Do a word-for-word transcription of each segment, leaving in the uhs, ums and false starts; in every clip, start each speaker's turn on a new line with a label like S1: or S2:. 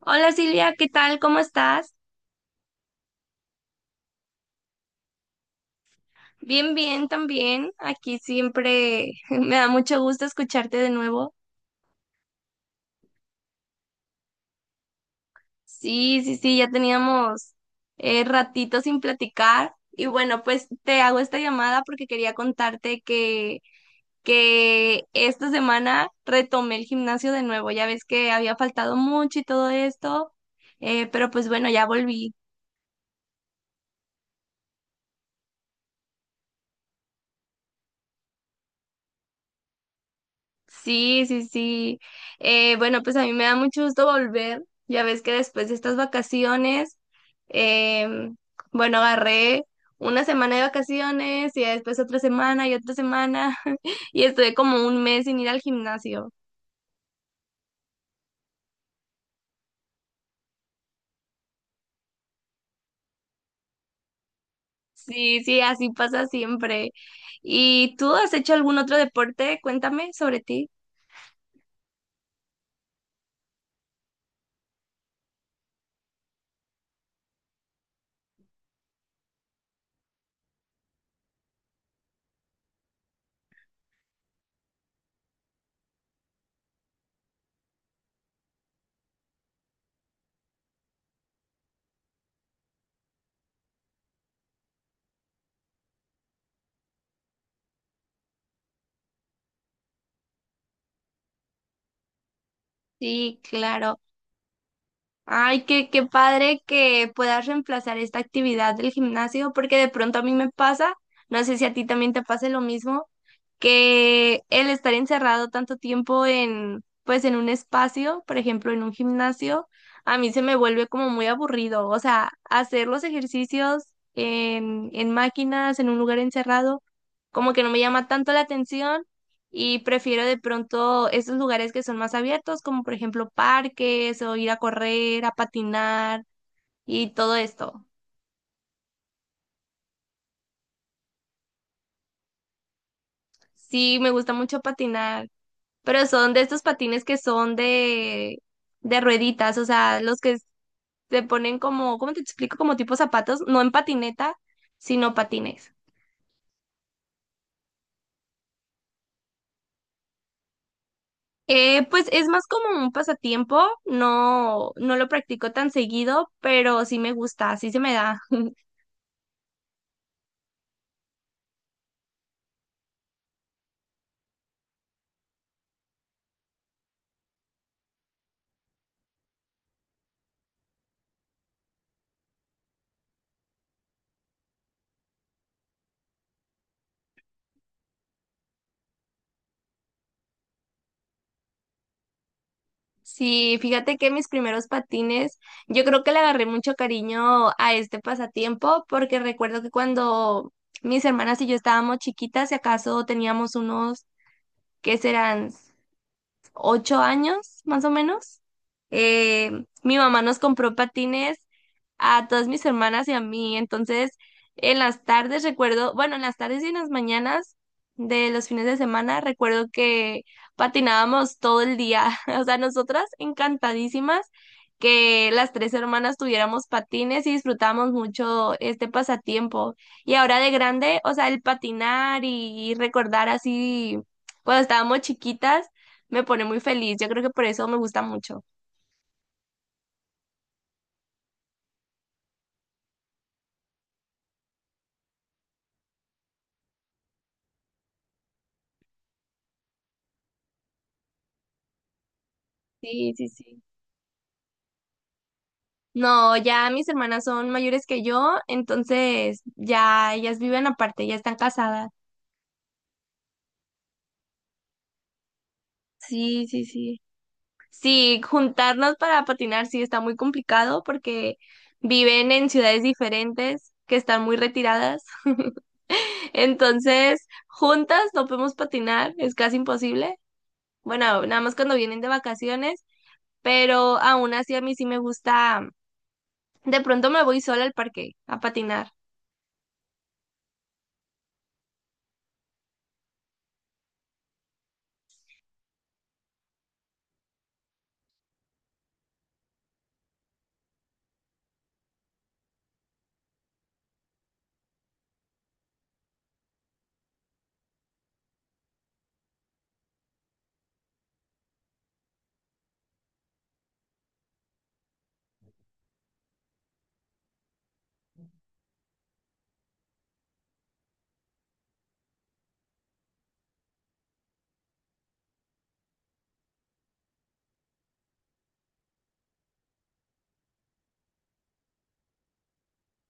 S1: Hola Silvia, ¿qué tal? ¿Cómo estás? Bien, bien también. Aquí siempre me da mucho gusto escucharte de nuevo. Sí, sí, sí, ya teníamos eh, ratito sin platicar. Y bueno, pues te hago esta llamada porque quería contarte que, que esta semana retomé el gimnasio de nuevo. Ya ves que había faltado mucho y todo esto, eh, pero pues bueno, ya volví. Sí, sí, sí. Eh, bueno, pues a mí me da mucho gusto volver. Ya ves que después de estas vacaciones, em, bueno, agarré una semana de vacaciones y ya después otra semana y otra semana y estuve como un mes sin ir al gimnasio. Sí, sí, así pasa siempre. ¿Y tú has hecho algún otro deporte? Cuéntame sobre ti. Sí, claro. Ay, qué, qué padre que puedas reemplazar esta actividad del gimnasio, porque de pronto a mí me pasa, no sé si a ti también te pase lo mismo, que el estar encerrado tanto tiempo en, pues en un espacio, por ejemplo, en un gimnasio, a mí se me vuelve como muy aburrido. O sea, hacer los ejercicios en, en máquinas, en un lugar encerrado, como que no me llama tanto la atención y prefiero de pronto esos lugares que son más abiertos, como por ejemplo parques o ir a correr, a patinar y todo esto. Sí, me gusta mucho patinar, pero son de estos patines que son de, de rueditas, o sea, los que se ponen como, ¿cómo te explico? Como tipo zapatos, no en patineta, sino patines. Eh, pues es más como un pasatiempo, no, no lo practico tan seguido, pero sí me gusta, sí se me da. Sí, fíjate que mis primeros patines, yo creo que le agarré mucho cariño a este pasatiempo porque recuerdo que cuando mis hermanas y yo estábamos chiquitas, si acaso teníamos unos, ¿qué serán? Ocho años, más o menos. Eh, Mi mamá nos compró patines a todas mis hermanas y a mí. Entonces, en las tardes recuerdo, bueno, en las tardes y en las mañanas de los fines de semana, recuerdo que patinábamos todo el día. O sea, nosotras encantadísimas que las tres hermanas tuviéramos patines y disfrutábamos mucho este pasatiempo. Y ahora de grande, o sea, el patinar y recordar así cuando estábamos chiquitas me pone muy feliz. Yo creo que por eso me gusta mucho. Sí, sí, sí. No, ya mis hermanas son mayores que yo, entonces ya ellas viven aparte, ya están casadas. Sí, sí, sí. Sí, juntarnos para patinar sí está muy complicado porque viven en ciudades diferentes que están muy retiradas. Entonces, juntas no podemos patinar, es casi imposible. Bueno, nada más cuando vienen de vacaciones, pero aún así a mí sí me gusta De pronto me voy sola al parque a patinar.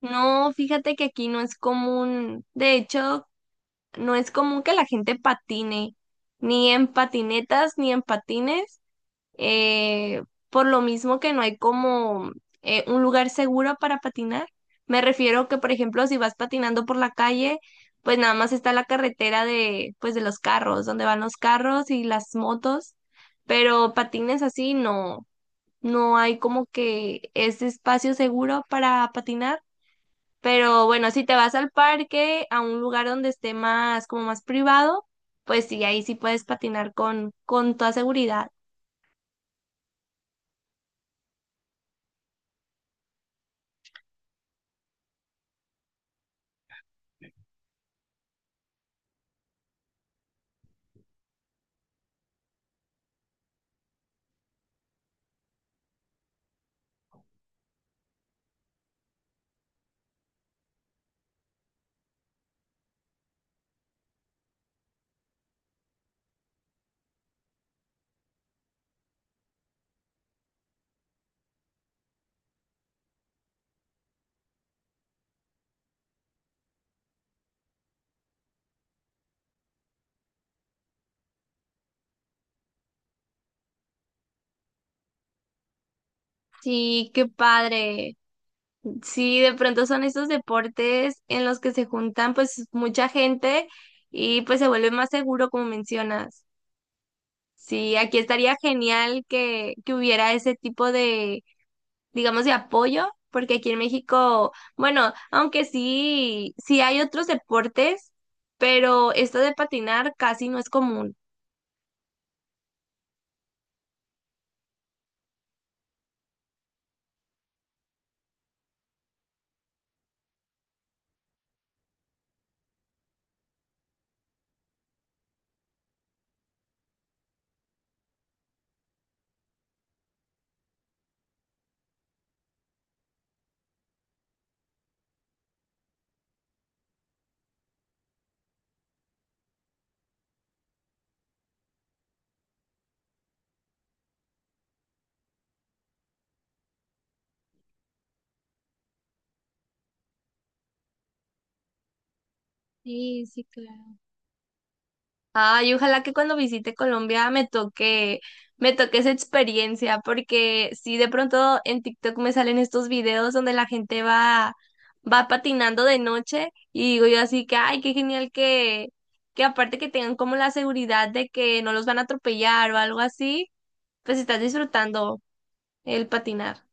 S1: No, fíjate que aquí no es común, de hecho, no es común que la gente patine, ni en patinetas, ni en patines, eh, por lo mismo que no hay como eh, un lugar seguro para patinar. Me refiero que, por ejemplo, si vas patinando por la calle, pues nada más está la carretera de, pues de los carros, donde van los carros y las motos, pero patines así no. no hay como que ese espacio seguro para patinar. Pero bueno, si te vas al parque, a un lugar donde esté más, como más privado, pues sí, ahí sí puedes patinar con, con toda seguridad. Sí, qué padre. Sí, de pronto son estos deportes en los que se juntan pues mucha gente y pues se vuelve más seguro, como mencionas. Sí, aquí estaría genial que, que hubiera ese tipo de digamos, de apoyo, porque aquí en México, bueno, aunque sí, sí hay otros deportes, pero esto de patinar casi no es común. Sí, sí, claro. Ay, ojalá que cuando visite Colombia me toque, me toque esa experiencia, porque si de pronto en TikTok me salen estos videos donde la gente va, va patinando de noche y digo yo así que, ay, qué genial que, que aparte que tengan como la seguridad de que no los van a atropellar o algo así, pues estás disfrutando el patinar.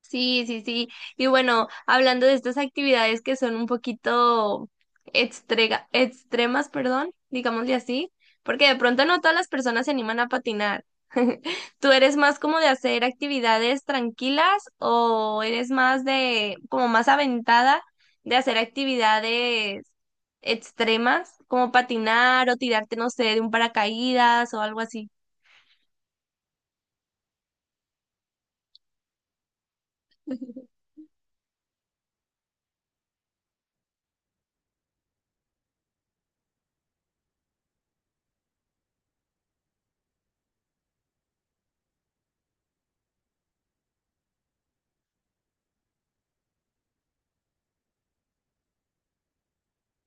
S1: Sí, sí, sí. Y bueno, hablando de estas actividades que son un poquito extrega- extremas, perdón, digámosle así, porque de pronto no todas las personas se animan a patinar. ¿Tú eres más como de hacer actividades tranquilas o eres más de, como más aventada de hacer actividades extremas, como patinar o tirarte, no sé, de un paracaídas o algo así?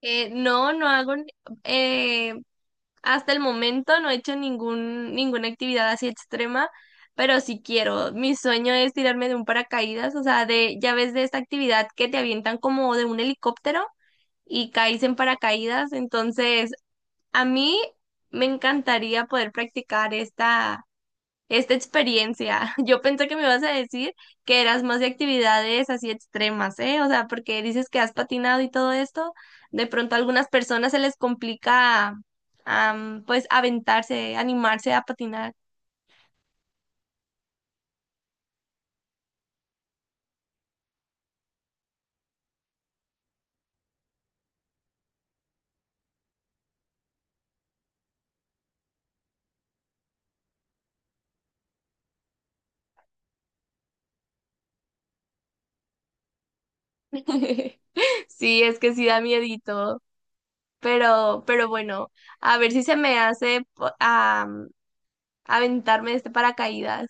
S1: Eh, no, no hago, ni- eh, hasta el momento no he hecho ningún, ninguna actividad así extrema, pero sí quiero. Mi sueño es tirarme de un paracaídas, o sea, de, ya ves de esta actividad que te avientan como de un helicóptero y caes en paracaídas, entonces a mí me encantaría poder practicar esta esta experiencia. Yo pensé que me ibas a decir que eras más de actividades así extremas, ¿eh? O sea, porque dices que has patinado y todo esto, de pronto a algunas personas se les complica, am, pues, aventarse, animarse a patinar. Sí, es que sí da miedito, pero, pero bueno, a ver si se me hace po- am, aventarme de este paracaídas.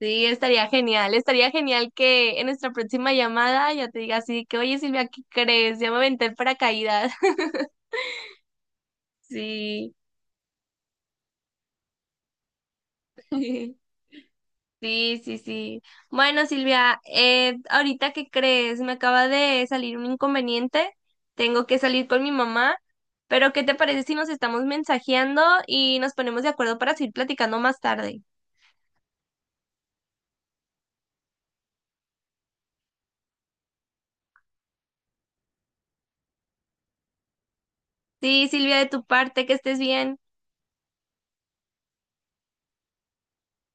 S1: Sí, estaría genial, estaría genial que en nuestra próxima llamada ya te diga así que, oye Silvia, ¿qué crees? Ya me aventé el paracaídas. Sí, sí, sí, sí. Bueno, Silvia, eh, ahorita ¿qué crees? Me acaba de salir un inconveniente, tengo que salir con mi mamá, pero ¿qué te parece si nos estamos mensajeando y nos ponemos de acuerdo para seguir platicando más tarde? Sí, Silvia, de tu parte, que estés bien.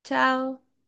S1: Chao.